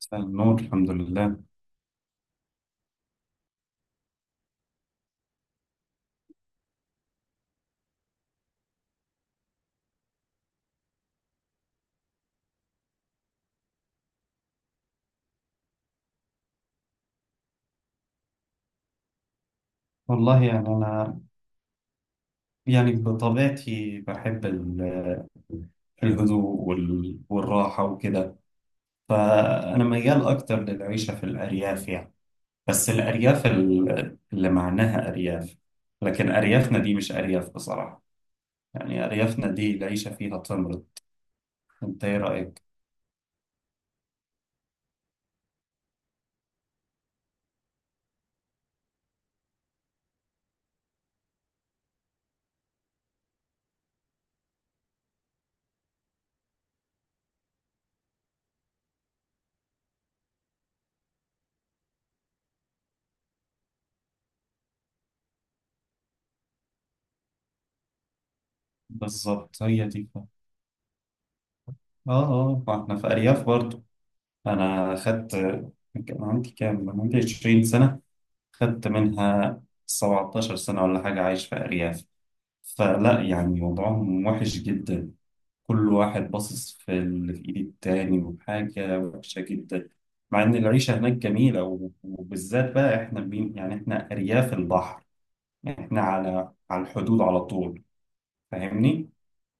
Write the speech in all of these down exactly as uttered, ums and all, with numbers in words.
مساء النور. الحمد لله. والله يعني أنا، يعني بطبيعتي بحب ال- الهدوء وال- والراحة وكده. فأنا ميال أكتر للعيشة في الأرياف يعني. بس الأرياف ال- اللي معناها أرياف، لكن أريافنا دي مش أرياف بصراحة. يعني أريافنا دي العيشة فيها تمرض. أنت إيه رأيك؟ بالظبط، هي دي، اه، اه. ما احنا في أرياف برضو. أنا خدت، كان عندي كام؟ كان عندي عشرين سنة، خدت منها سبعة عشر سنة ولا حاجة عايش في أرياف. فلا يعني وضعهم وحش جدا. كل واحد باصص في اللي في إيد التاني، وحاجة وحشة جدا، مع إن العيشة هناك جميلة. و- وبالذات بقى إحنا بين، يعني إحنا أرياف البحر. يعني إحنا على على الحدود على طول، فاهمني؟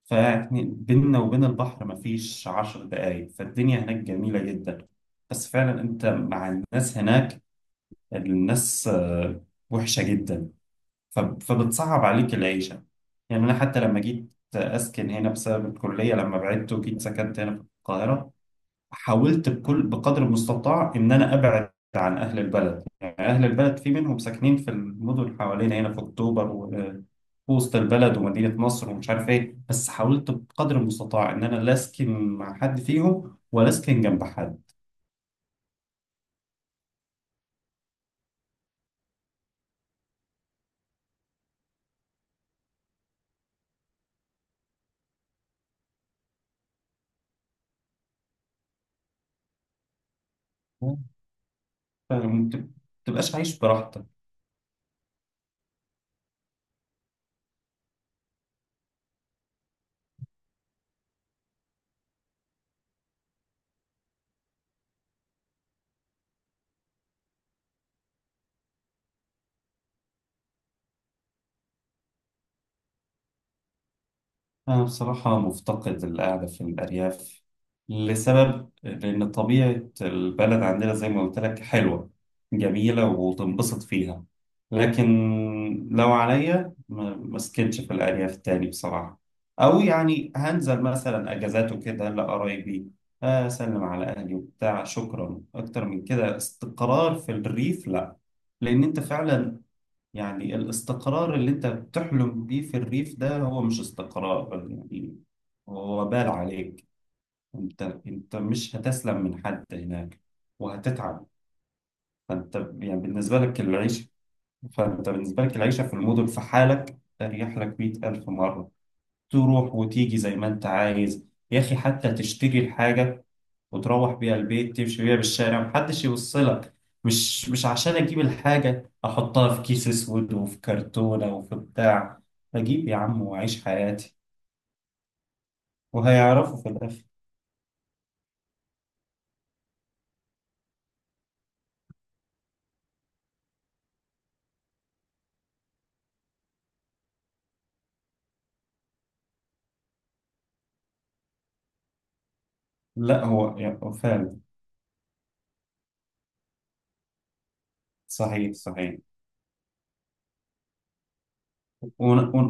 فإحنا بيننا وبين البحر مفيش عشر دقايق، فالدنيا هناك جميلة جدا. بس فعلا أنت مع الناس هناك، الناس آه، وحشة جدا. فب- فبتصعب عليك العيشة. يعني أنا حتى لما جيت أسكن هنا بسبب الكلية، لما بعدت وجيت سكنت هنا في القاهرة، حاولت بكل، بقدر المستطاع، إن أنا أبعد عن أهل البلد. يعني أهل البلد في منهم ساكنين في المدن حوالينا هنا في أكتوبر و- وسط البلد ومدينة نصر ومش عارف إيه، بس حاولت بقدر المستطاع إن أنا لا أسكن مع حد فيهم ولا أسكن جنب حد. فما تبقاش عايش براحتك. أنا بصراحة مفتقد القعدة في الأرياف، لسبب، لأن طبيعة البلد عندنا زي ما قلت لك حلوة جميلة وتنبسط فيها. لكن لو عليا ما ما اسكنش في الأرياف تاني بصراحة. أو يعني هنزل مثلا أجازات وكده لقرايبي، آه، أسلم على أهلي وبتاع، شكرا. أكتر من كده استقرار في الريف لأ. لأن أنت فعلا، يعني الاستقرار اللي انت بتحلم بيه في الريف ده هو مش استقرار يعني، هو وبال عليك. انت انت مش هتسلم من حد هناك وهتتعب. فانت يعني بالنسبة لك العيشة، فانت بالنسبة لك العيشة في المدن في حالك اريح لك مية ألف مرة. تروح وتيجي زي ما انت عايز. يا اخي، حتى تشتري الحاجة وتروح بيها البيت، تمشي بيها بالشارع محدش يوصلك. مش مش عشان اجيب الحاجة احطها في كيس اسود وفي كرتونة وفي بتاع. اجيب يا عم واعيش حياتي. وهيعرفوا في الاخر. لا هو يعني فعلا، صحيح صحيح. ون... ون...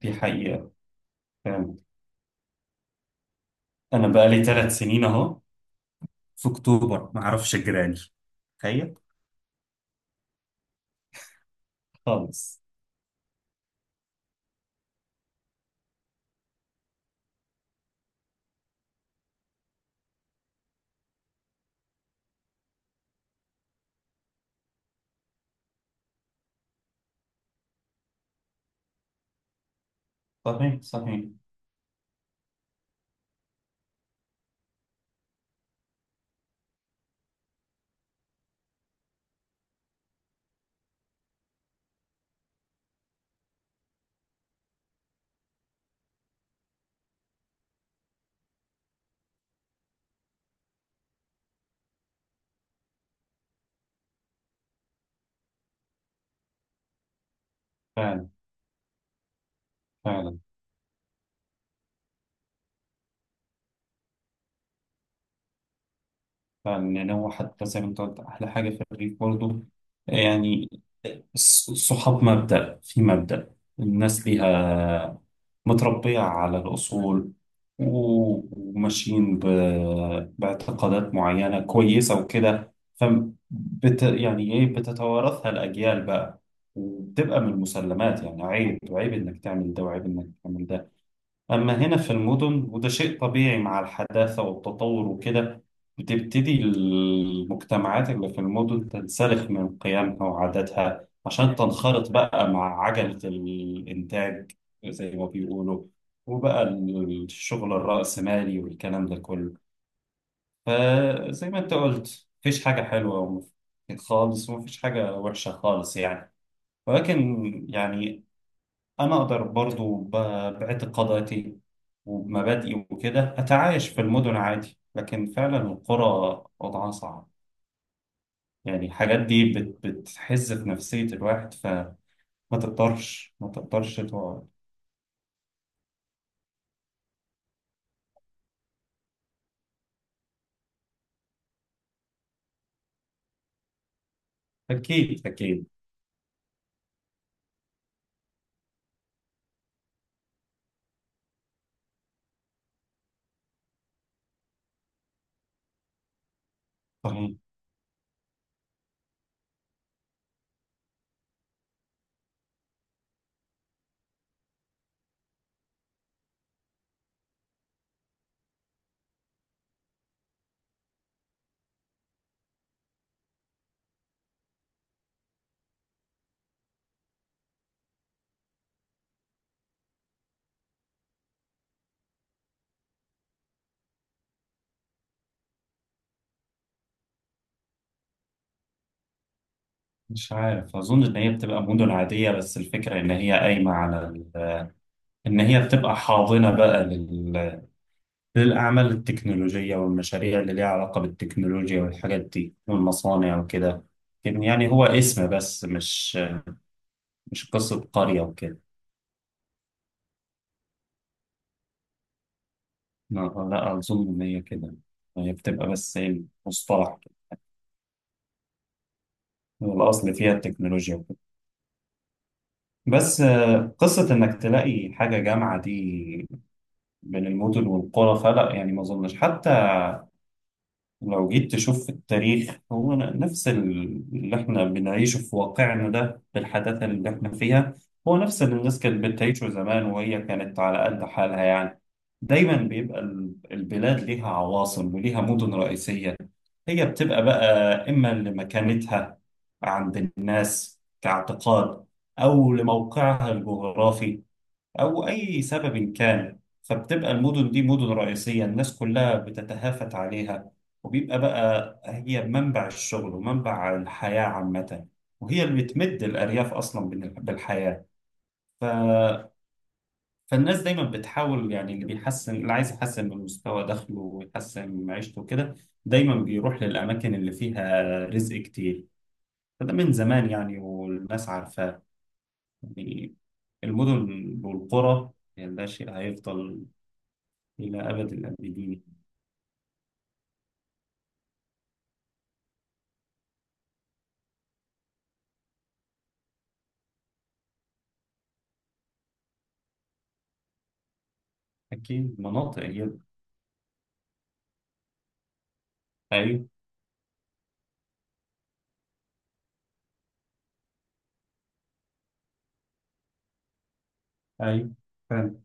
دي حقيقة فعلا. انا بقالي ثلاث سنين اهو في اكتوبر معرفش جيراني، تخيل، خالص. صحيح صحيح، فعلا فعلا فعلا. يعني هو حتى زي ما انت قلت، احلى حاجة في الريف برضه، يعني الص- الصحاب مبدأ في مبدأ، الناس ليها متربية على الأصول، و- وماشيين ب... باعتقادات معينة كويسة وكده. فبت... يعني إيه، بتتوارثها الأجيال بقى وبتبقى من المسلمات. يعني عيب، عيب إنك تعمل ده، وعيب إنك تعمل ده. أما هنا في المدن، وده شيء طبيعي مع الحداثة والتطور وكده، بتبتدي المجتمعات اللي في المدن تنسلخ من قيمها وعاداتها عشان تنخرط بقى مع عجلة الإنتاج زي ما بيقولوا، وبقى الشغل الرأسمالي والكلام ده كله. فزي ما أنت قلت، مفيش حاجة حلوة خالص ومفيش حاجة وحشة خالص يعني. ولكن يعني أنا أقدر برضو ب- باعتقاداتي ومبادئي وكده أتعايش في المدن عادي، لكن فعلا القرى وضعها صعب. يعني الحاجات دي بت- بتحز في نفسية الواحد، فما تقدرش، ما تقدرش تقعد. أكيد أكيد. طيب، مش عارف، أظن إن هي بتبقى مدن عادية، بس الفكرة إن هي قايمة على ال- إن هي بتبقى حاضنة بقى للأعمال التكنولوجية والمشاريع اللي ليها علاقة بالتكنولوجيا والحاجات دي والمصانع وكده. لكن يعني هو اسم بس، مش مش قصة قرية وكده. لا، لا، أظن إن هي كده، هي بتبقى بس إيه، مصطلح كده. والأصل فيها التكنولوجيا وكده. بس آه، قصة إنك تلاقي حاجة جامعة دي بين المدن والقرى، فلا يعني ما أظنش. حتى لو جيت تشوف في التاريخ، هو ن- نفس ال- اللي احنا بنعيشه في واقعنا ده بالحداثة اللي احنا فيها، هو نفس اللي الناس كانت بتعيشه زمان وهي كانت على قد حالها يعني. دايما بيبقى ال- البلاد ليها عواصم وليها مدن رئيسية. هي بتبقى بقى، إما لمكانتها عند الناس كاعتقاد، أو لموقعها الجغرافي، أو أي سبب كان. فبتبقى المدن دي مدن رئيسية الناس كلها بتتهافت عليها، وبيبقى بقى هي منبع الشغل ومنبع الحياة عامة، وهي اللي بتمد الأرياف أصلا بال- بالحياة. ف... فالناس دايما بتحاول، يعني اللي بيحسن، اللي عايز يحسن من مستوى دخله ويحسن من معيشته كده، دايما بيروح للأماكن اللي فيها رزق كتير. فده من زمان يعني، والناس عارفاه. يعني المدن والقرى، يعني ده شيء هيفضل إلى أبد الآبدين. أكيد. مناطق يبقى. أيوه، أيوه. فعلا،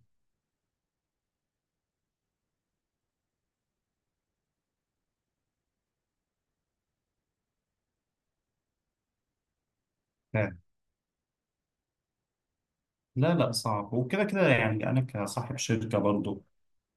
فعلا. لا، لا، صعب. وكده كده يعني، أنا كصاحب شركة برضو،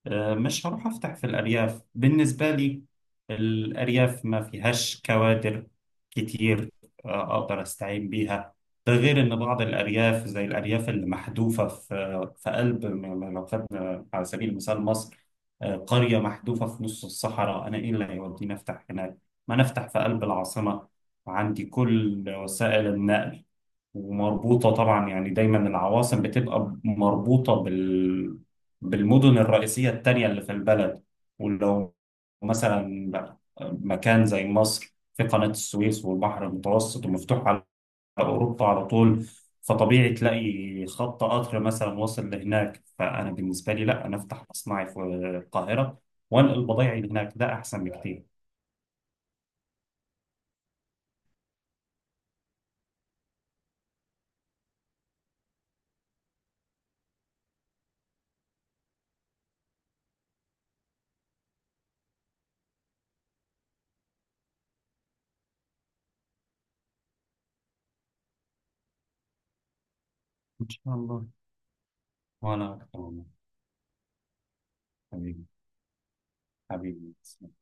آه، مش هروح أفتح في الأرياف. بالنسبة لي الأرياف ما فيهاش كوادر كتير آه، أقدر أستعين بيها. ده غير إن بعض الأرياف، زي الأرياف اللي محذوفة في في قلب، م- م- لو خدنا على سبيل المثال مصر، آه، قرية محذوفة في نص الصحراء، أنا إيه اللي هيوديني أفتح هناك؟ ما نفتح في قلب العاصمة وعندي كل وسائل النقل، ومربوطة طبعا، يعني دايما العواصم بتبقى مربوطة بالمدن الرئيسية التانية اللي في البلد. ولو مثلا مكان زي مصر، في قناة السويس والبحر المتوسط ومفتوح على أوروبا على طول، فطبيعي تلاقي خط قطر مثلا واصل لهناك. فأنا بالنسبة لي لا، أنا أفتح مصنعي في القاهرة وأنقل بضايعي لهناك، ده أحسن بكتير. إن شاء الله. وأنا أكتر والله. حبيبي، حبيبي.